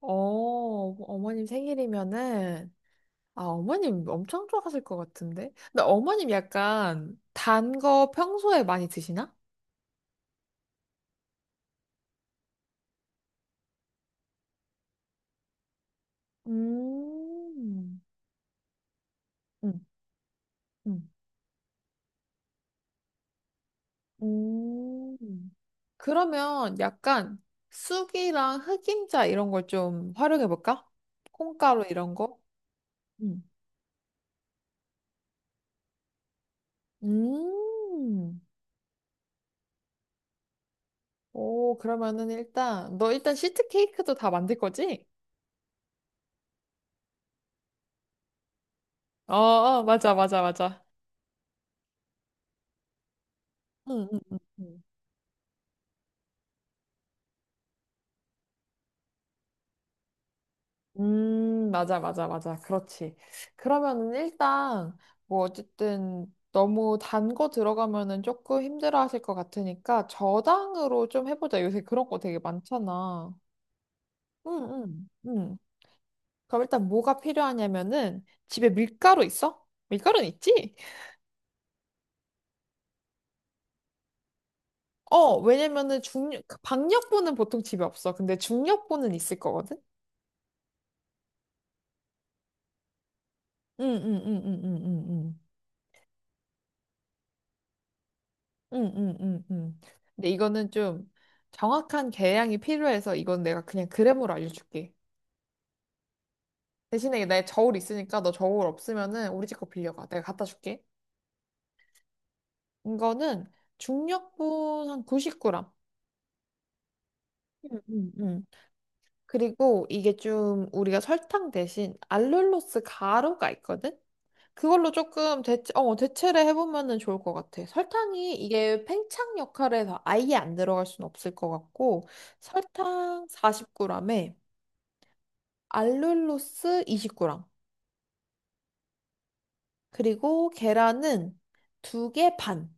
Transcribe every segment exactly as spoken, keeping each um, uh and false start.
어, 어머님 생일이면은, 아, 어머님 엄청 좋아하실 것 같은데? 근데 어머님 약간 단 거 평소에 많이 드시나? 음, 음, 음, 음. 그러면 약간 쑥이랑 흑임자 이런 걸 좀 활용해볼까? 콩가루 이런 거? 음. 음. 오, 그러면은 일단, 너 일단 시트 케이크도 다 만들 거지? 어, 어, 맞아, 맞아, 맞아. 응, 응, 응. 음, 맞아, 맞아, 맞아. 그렇지. 그러면은 일단, 뭐, 어쨌든, 너무 단 거 들어가면은 조금 힘들어 하실 것 같으니까, 저당으로 좀 해보자. 요새 그런 거 되게 많잖아. 응, 응, 응. 그럼 일단 뭐가 필요하냐면은, 집에 밀가루 있어? 밀가루는 있지? 어, 왜냐면은 중력, 박력분은 보통 집에 없어. 근데 중력분은 있을 거거든? 응, 응, 응, 응, 응, 응. 응, 응, 응, 응. 근데 이거는 좀 정확한 계량이 필요해서 이건 내가 그냥 그램으로 알려줄게. 대신에 내 저울 있으니까 너 저울 없으면은 우리 집 거 빌려가. 내가 갖다 줄게. 이거는 중력분 한 구십 그램. 응, 응, 응. 그리고 이게 좀 우리가 설탕 대신 알룰로스 가루가 있거든? 그걸로 조금 대체, 어, 대체를 해보면은 좋을 것 같아. 설탕이 이게 팽창 역할에서 아예 안 들어갈 순 없을 것 같고, 설탕 사십 그램에 알룰로스 이십 그램. 그리고 계란은 두 개 반.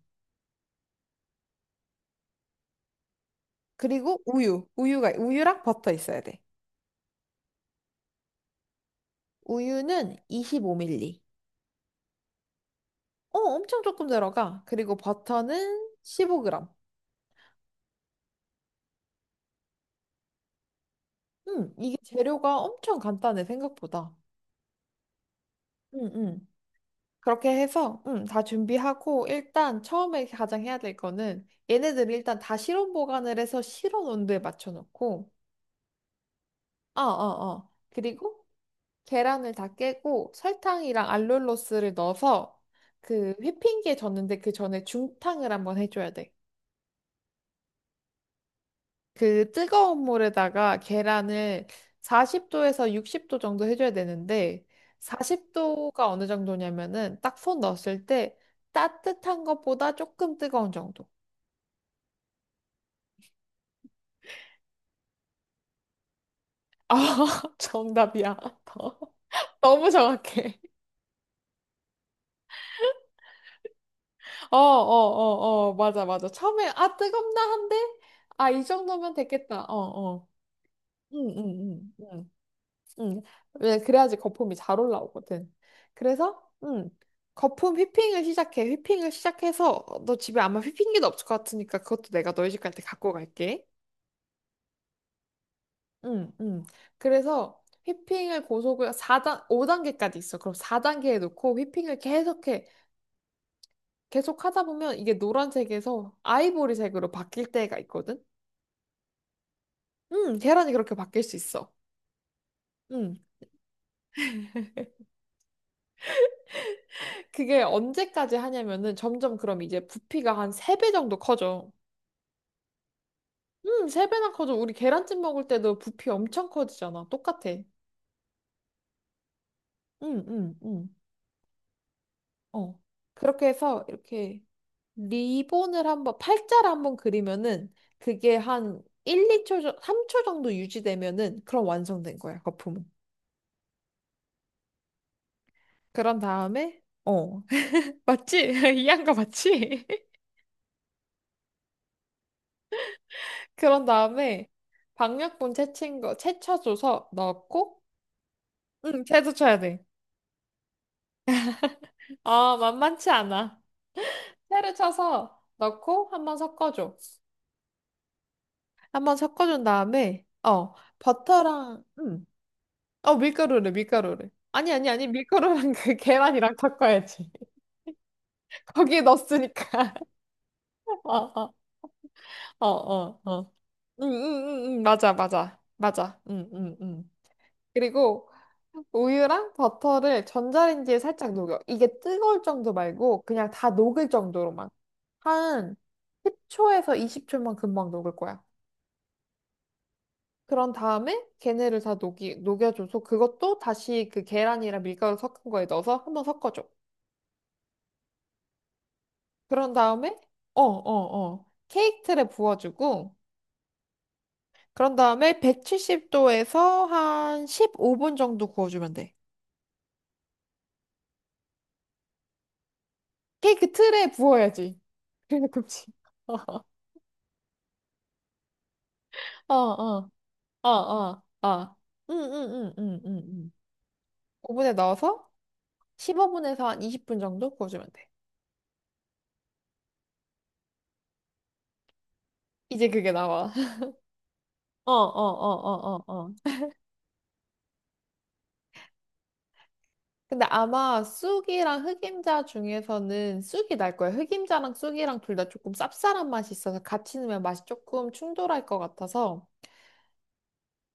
그리고 우유. 우유가, 우유랑 버터 있어야 돼. 우유는 이십오 밀리리터. 어, 엄청 조금 들어가. 그리고 버터는 십오 그램. 음, 이게 재료가 엄청 간단해, 생각보다. 응 응 그렇게 해서, 응 다 준비하고, 일단 처음에 가장 해야 될 거는, 얘네들 일단 다 실온 보관을 해서 실온 온도에 맞춰놓고, 아, 아, 아. 그리고 계란을 다 깨고 설탕이랑 알룰로스를 넣어서 그 휘핑기에 젓는데 그 전에 중탕을 한번 해줘야 돼. 그 뜨거운 물에다가 계란을 사십 도에서 육십 도 정도 해줘야 되는데 사십 도가 어느 정도냐면은 딱 손 넣었을 때 따뜻한 것보다 조금 뜨거운 정도. 아, 정답이야. 너무 정확해. 어, 어, 어, 어, 맞아, 맞아. 처음에, 아, 뜨겁나 한데? 아, 이 정도면 됐겠다. 어, 어. 응, 응, 응, 응, 응. 왜, 그래야지 거품이 잘 올라오거든. 그래서, 응, 거품 휘핑을 시작해. 휘핑을 시작해서, 너 집에 아마 휘핑기도 없을 것 같으니까 그것도 내가 너희 집 갈 때 갖고 갈게. 응, 응. 그래서 휘핑을 고속을 사단 오 단계까지 있어. 그럼 사 단계에 놓고 휘핑을 계속해. 계속 하다 보면 이게 노란색에서 아이보리색으로 바뀔 때가 있거든. 응, 계란이 그렇게 바뀔 수 있어. 응. 그게 언제까지 하냐면은 점점 그럼 이제 부피가 한 세 배 정도 커져. 음, 세 배나 커져. 우리 계란찜 먹을 때도 부피 엄청 커지잖아. 똑같아. 응 응응. 어. 그렇게 해서 이렇게 리본을 한번, 팔자를 한번 그리면은 그게 한 일, 이 초, 삼 초 정도 유지되면은 그럼 완성된 거야, 거품은. 그런 다음에, 어. 맞지? 이 한 거 맞지? 그런 다음에 방역분 채친 거, 채쳐줘서 넣고, 응, 채도 쳐야 돼. 아, 만만치 않아. 채를 쳐서 넣고 한번 섞어줘. 한번 섞어준 다음에, 어, 버터랑, 음, 어, 밀가루를, 밀가루를. 아니, 아니, 아니, 밀가루랑 그 계란이랑 섞어야지. 거기에 넣었으니까. 어, 어, 어, 어, 어. 응, 응, 응, 응, 맞아, 맞아. 맞아. 응, 응, 응. 그리고 우유랑 버터를 전자레인지에 살짝 녹여. 이게 뜨거울 정도 말고 그냥 다 녹을 정도로만. 한 십 초에서 이십 초만 금방 녹을 거야. 그런 다음에 걔네를 다 녹이, 녹여줘서 그것도 다시 그 계란이랑 밀가루 섞은 거에 넣어서 한번 섞어줘. 그런 다음에, 어, 어, 어. 케이크 틀에 부어주고, 그런 다음에 백칠십 도에서 한 십오 분 정도 구워주면 돼. 케이크 틀에 부어야지. 그래서 굽지. 어, 어, 어, 어, 어. 응, 응, 응, 응, 응, 응. 오븐에 넣어서 십오 분에서 한 이십 분 정도 구워주면 돼. 이제 그게 나와. 어, 어, 어, 어, 어, 어. 근데 아마 쑥이랑 흑임자 중에서는 쑥이 날 거예요. 흑임자랑 쑥이랑 둘 다 조금 쌉쌀한 맛이 있어서 같이 넣으면 맛이 조금 충돌할 것 같아서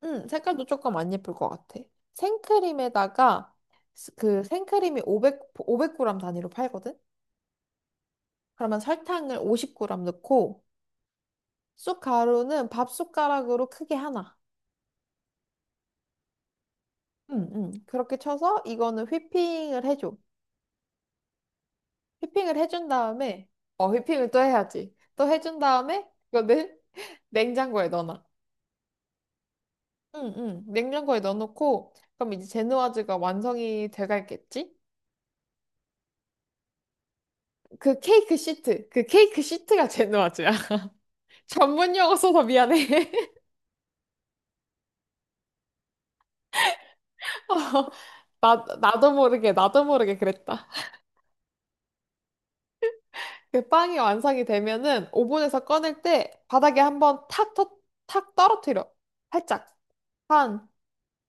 음, 색깔도 조금 안 예쁠 것 같아. 생크림에다가 스- 그 생크림이 오백, 오백 그램 단위로 팔거든? 그러면 설탕을 오십 그램 넣고 쑥 가루는 밥숟가락으로 크게 하나. 음, 음. 그렇게 쳐서 이거는 휘핑을 해줘. 휘핑을 해준 다음에, 어, 휘핑을 또 해야지. 또 해준 다음에, 이거를 냉장고에 넣어놔. 응, 응. 냉장고에 넣어놓고, 그럼 이제 제누아즈가 완성이 돼가겠지? 그 케이크 시트, 그 케이크 시트가 제누아즈야. 전문 용어 써서 미안해. 어, 나, 나도 모르게, 나도 모르게 그랬다. 그 빵이 완성이 되면은 오븐에서 꺼낼 때 바닥에 한번 탁, 터, 탁 떨어뜨려. 살짝. 한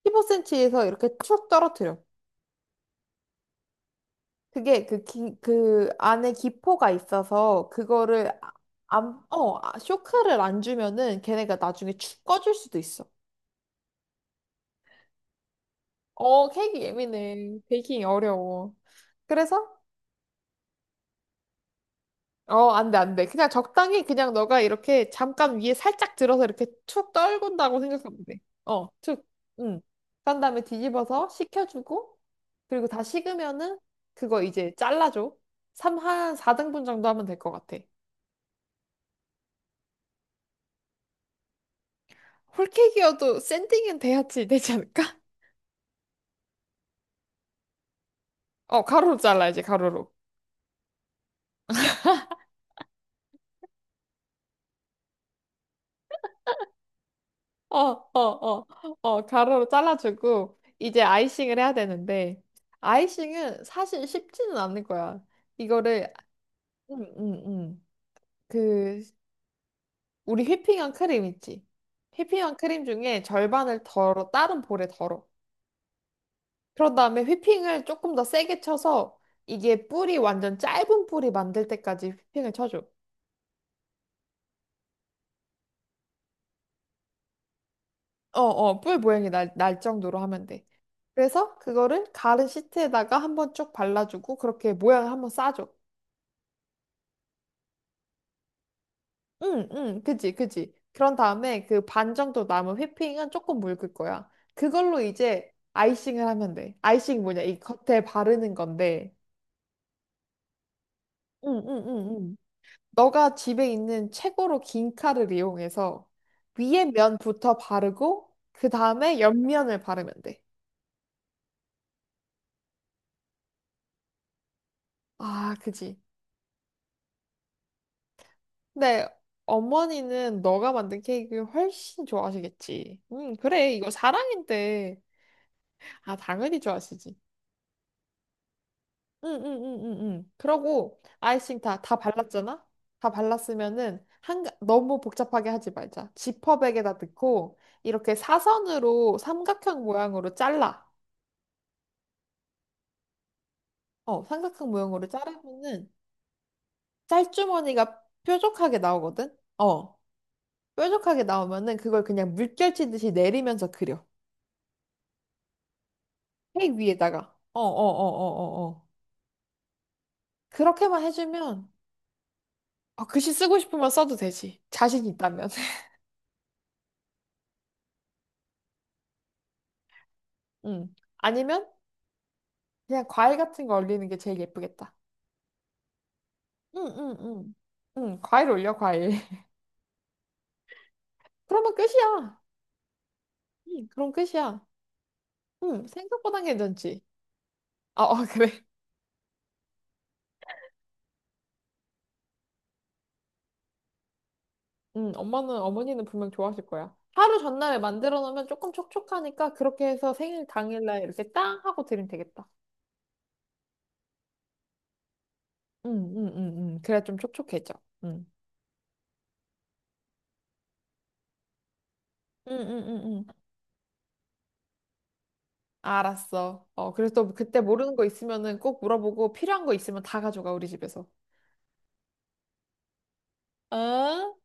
십오 센티미터에서 이렇게 툭 떨어뜨려. 그게 그, 기, 그 안에 기포가 있어서 그거를 아- 안, 어, 아, 쇼크를 안 주면은 걔네가 나중에 축 꺼줄 수도 있어. 어, 케이크 예민해. 베이킹이 어려워. 그래서 어, 안 돼, 안 돼. 그냥 적당히 그냥 너가 이렇게 잠깐 위에 살짝 들어서 이렇게 툭 떨군다고 생각하면 돼. 어, 툭. 응. 그런 다음에 뒤집어서 식혀주고 그리고 다 식으면은 그거 이제 잘라줘. 삼한 사 등분 정도 하면 될 것 같아. 홀케이크여도 샌딩은 돼야지 되지 않을까? 어, 가로로 잘라야지, 가로로. 어, 어, 어, 어, 가로로 잘라주고, 이제 아이싱을 해야 되는데, 아이싱은 사실 쉽지는 않을 거야. 이거를, 음, 음, 음. 그, 우리 휘핑한 크림 있지? 휘핑한 크림 중에 절반을 덜어, 다른 볼에 덜어. 그런 다음에 휘핑을 조금 더 세게 쳐서, 이게 뿔이 완전 짧은 뿔이 만들 때까지 휘핑을 쳐줘. 어, 어, 뿔 모양이 날, 날 정도로 하면 돼. 그래서 그거를 가른 시트에다가 한번 쭉 발라주고 그렇게 모양을 한번 싸줘. 응, 응, 그지, 그지. 그런 다음에 그 반 정도 남은 휘핑은 조금 묽을 거야. 그걸로 이제 아이싱을 하면 돼. 아이싱 뭐냐? 이 겉에 바르는 건데. 응, 응, 응, 응. 너가 집에 있는 최고로 긴 칼을 이용해서 위에 면부터 바르고 그 다음에 옆면을 바르면 돼. 아, 그지. 근데 어머니는 너가 만든 케이크 훨씬 좋아하시겠지. 응, 그래. 이거 사랑인데. 아, 당연히 좋아하시지. 응, 응, 응, 응, 응. 그러고 아이싱 다, 다 발랐잖아? 다 발랐으면은 한, 너무 복잡하게 하지 말자. 지퍼백에다 넣고 이렇게 사선으로 삼각형 모양으로 잘라. 어, 삼각형 모양으로 자르면은 짤주머니가 뾰족하게 나오거든? 어, 뾰족하게 나오면은 그걸 그냥 물결 치듯이 내리면서 그려. 케이크 위에다가. 어, 어, 어, 어, 어, 어. 그렇게만 해주면 아 글씨 쓰고 싶으면 써도 되지. 자신 있다면. 응, 아니면 그냥 과일 같은 거 올리는 게 제일 예쁘겠다. 응, 응, 응. 응, 과일 올려, 과일. 그러면 끝이야. 응. 그럼 끝이야. 응, 생각보단 괜찮지. 아, 어, 그래. 응, 엄마는, 어머니는 분명 좋아하실 거야. 하루 전날에 만들어 놓으면 조금 촉촉하니까 그렇게 해서 생일 당일날 이렇게 땅 하고 드리면 되겠다. 응, 응, 응, 응. 그래야 좀 촉촉해져. 응. 응, 응, 응, 응. 알았어. 어, 그래서 또 그때 모르는 거 있으면은 꼭 물어보고 필요한 거 있으면 다 가져가, 우리 집에서. 응?